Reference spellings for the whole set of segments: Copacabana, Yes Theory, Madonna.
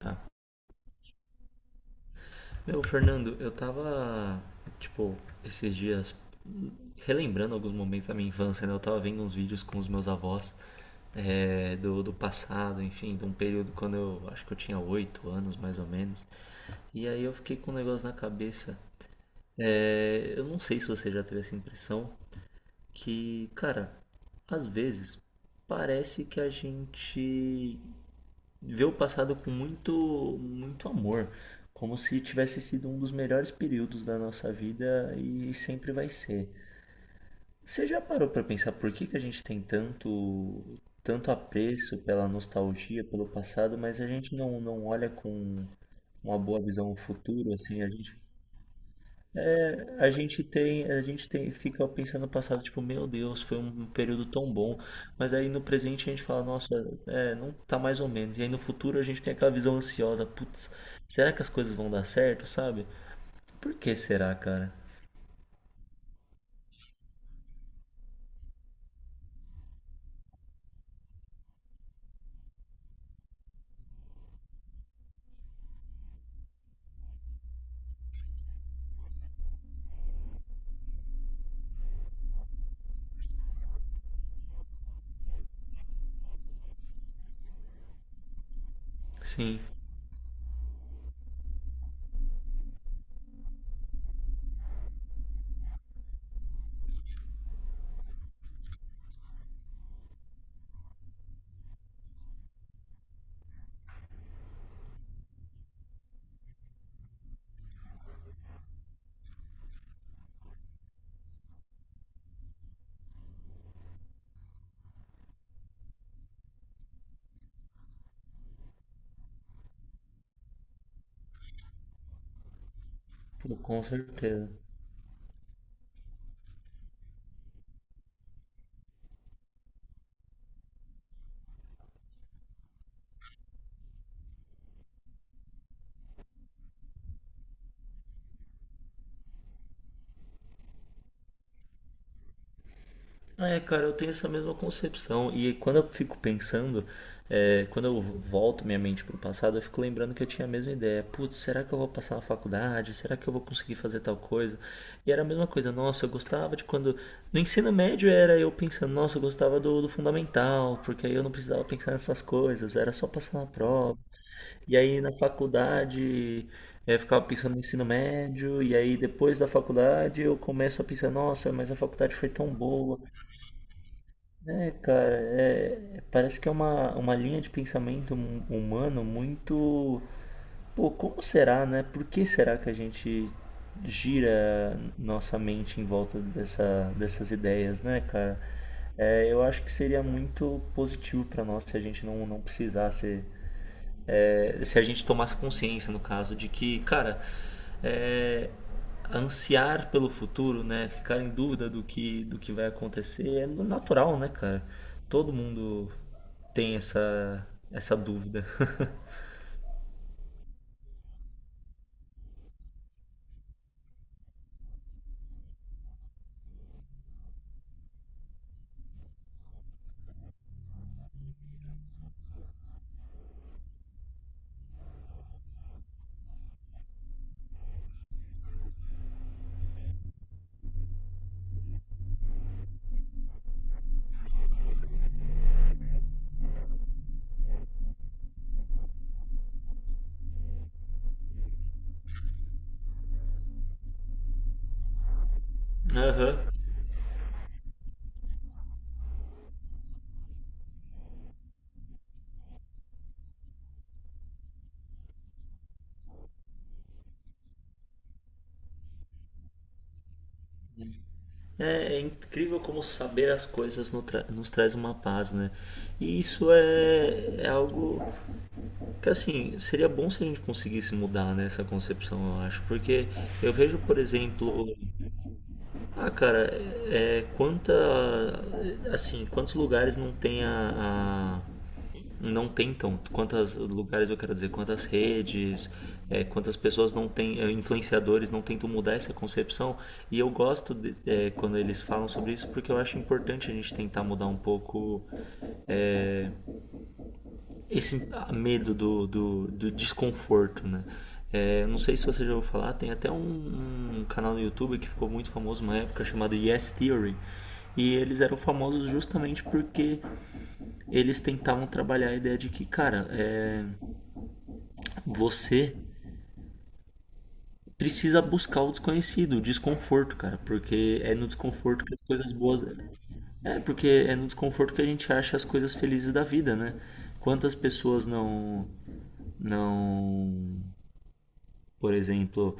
Tá. Meu, Fernando, eu tava, tipo, esses dias relembrando alguns momentos da minha infância, né? Eu tava vendo uns vídeos com os meus avós do passado, enfim, de um período quando eu acho que eu tinha 8 anos, mais ou menos. E aí eu fiquei com um negócio na cabeça. Eu não sei se você já teve essa impressão que, cara, às vezes parece que a gente vê o passado com muito, muito amor, como se tivesse sido um dos melhores períodos da nossa vida e sempre vai ser. Você já parou para pensar por que que a gente tem tanto, tanto apreço pela nostalgia, pelo passado, mas a gente não olha com uma boa visão o futuro, assim, a gente tem, fica pensando no passado, tipo, meu Deus, foi um período tão bom. Mas aí no presente a gente fala, nossa, não tá mais ou menos. E aí no futuro a gente tem aquela visão ansiosa, putz, será que as coisas vão dar certo, sabe? Por que será, cara? Sim, com certeza. Cara, eu tenho essa mesma concepção. E quando eu fico pensando, quando eu volto minha mente pro passado, eu fico lembrando que eu tinha a mesma ideia. Putz, será que eu vou passar na faculdade? Será que eu vou conseguir fazer tal coisa? E era a mesma coisa. Nossa, eu gostava de quando. No ensino médio era eu pensando, nossa, eu gostava do fundamental, porque aí eu não precisava pensar nessas coisas, era só passar na prova. E aí na faculdade. Eu ficava pensando no ensino médio, e aí depois da faculdade eu começo a pensar, nossa, mas a faculdade foi tão boa. Cara, parece que é uma linha de pensamento humano muito. Pô, como será, né? Por que será que a gente gira nossa mente em volta dessas ideias, né, cara? Eu acho que seria muito positivo pra nós se a gente não precisasse se a gente tomasse consciência, no caso, de que, cara, é, ansiar pelo futuro, né? Ficar em dúvida do que vai acontecer é natural, né, cara? Todo mundo tem essa dúvida. Aham. É incrível como saber as coisas no tra- nos traz uma paz, né? E isso é algo que, assim, seria bom se a gente conseguisse mudar, né, essa concepção, eu acho. Porque eu vejo, por exemplo. Ah, cara, é assim, quantos lugares não tentam, quantos lugares eu quero dizer, quantas redes, quantas pessoas não têm, influenciadores não tentam mudar essa concepção. E eu gosto de quando eles falam sobre isso porque eu acho importante a gente tentar mudar um pouco é, esse medo do desconforto, né? Não sei se você já ouviu falar, tem até um canal no YouTube que ficou muito famoso uma época chamado Yes Theory. E eles eram famosos justamente porque eles tentavam trabalhar a ideia de que, cara, você precisa buscar o desconhecido, o desconforto, cara, porque é no desconforto que as coisas boas. Porque é no desconforto que a gente acha as coisas felizes da vida, né? Quantas pessoas não. não por exemplo,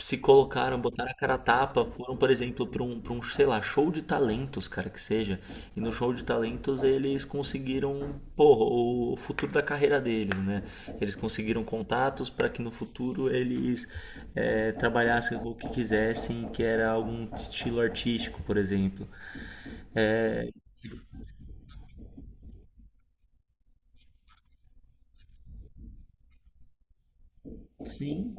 se colocaram, botaram a cara a tapa, foram, por exemplo, para um, sei lá, show de talentos, cara, que seja. E no show de talentos eles conseguiram, porra, o futuro da carreira deles, né? Eles conseguiram contatos para que no futuro eles trabalhassem com o que quisessem, que era algum estilo artístico, por exemplo. Sim,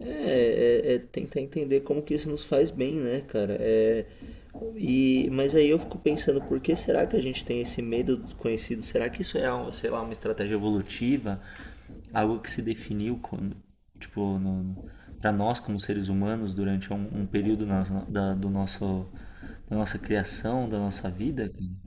é tentar entender como que isso nos faz bem, né, cara? Mas aí eu fico pensando, por que será que a gente tem esse medo do desconhecido? Será que isso é, sei lá, uma estratégia evolutiva? Algo que se definiu, como, tipo, para nós como seres humanos durante um período da, do nosso, da nossa criação, da nossa vida? Cara?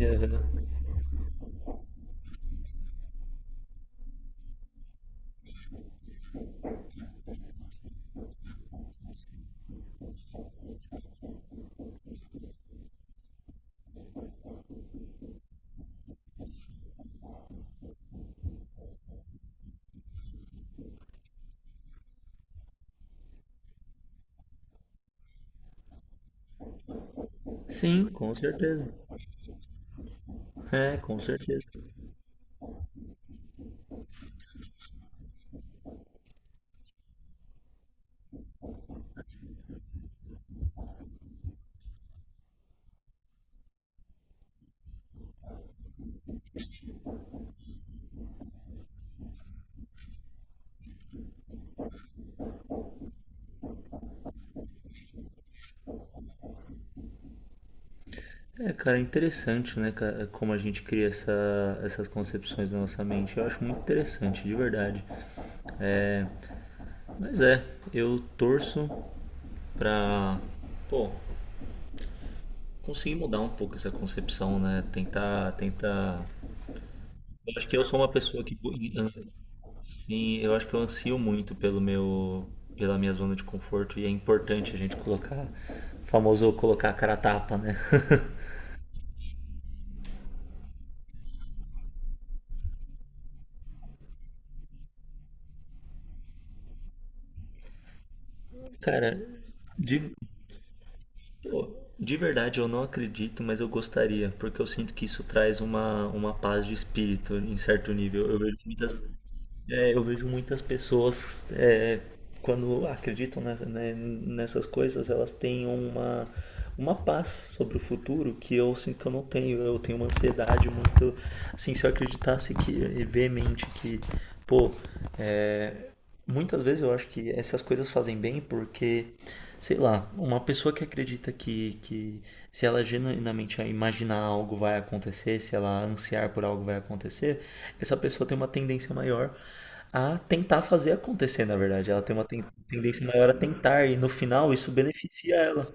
Aham. Sim, com certeza. É, com certeza. Cara, é interessante, né, cara, como a gente cria essas concepções na nossa mente. Eu acho muito interessante, de verdade. É, mas eu torço pra, pô, conseguir mudar um pouco essa concepção, né? Tentar, tentar. Eu acho que eu sou uma pessoa que, sim, eu acho que eu ansio muito pela minha zona de conforto e é importante a gente colocar, famoso colocar a cara a tapa, né? Cara, de, De verdade, eu não acredito, mas eu gostaria, porque eu sinto que isso traz uma paz de espírito em certo nível. Eu vejo muitas pessoas, é, quando acreditam nessas coisas, elas têm uma paz sobre o futuro que eu sinto que eu não tenho. Eu tenho uma ansiedade muito. Assim, se eu acreditasse que, veemente que, pô, é, muitas vezes eu acho que essas coisas fazem bem porque, sei lá, uma pessoa que acredita que se ela genuinamente imaginar algo vai acontecer, se ela ansiar por algo vai acontecer, essa pessoa tem uma tendência maior a tentar fazer acontecer, na verdade. Ela tem uma tendência maior a tentar e no final isso beneficia ela.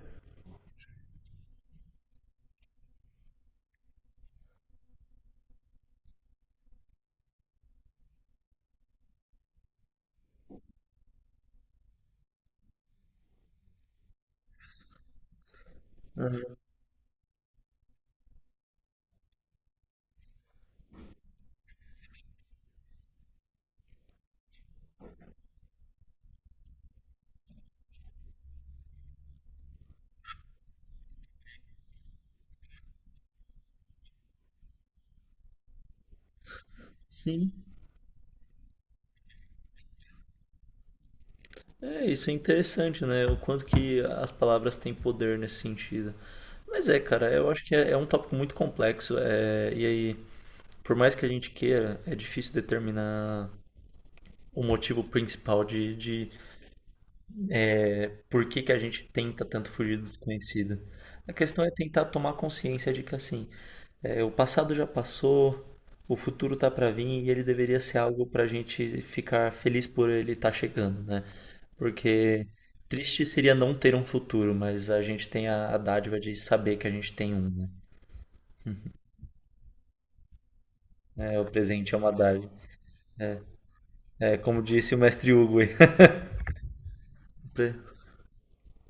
Sim. Isso é interessante, né? O quanto que as palavras têm poder nesse sentido. Mas cara, eu acho que é um tópico muito complexo. E aí, por mais que a gente queira, é difícil determinar o motivo principal de por que que a gente tenta tanto fugir do desconhecido. A questão é tentar tomar consciência de que assim, o passado já passou, o futuro tá para vir e ele deveria ser algo pra gente ficar feliz por ele estar chegando, né? Porque triste seria não ter um futuro, mas a gente tem a dádiva de saber que a gente tem um, né? É, o presente é uma dádiva. É, como disse o mestre Hugo,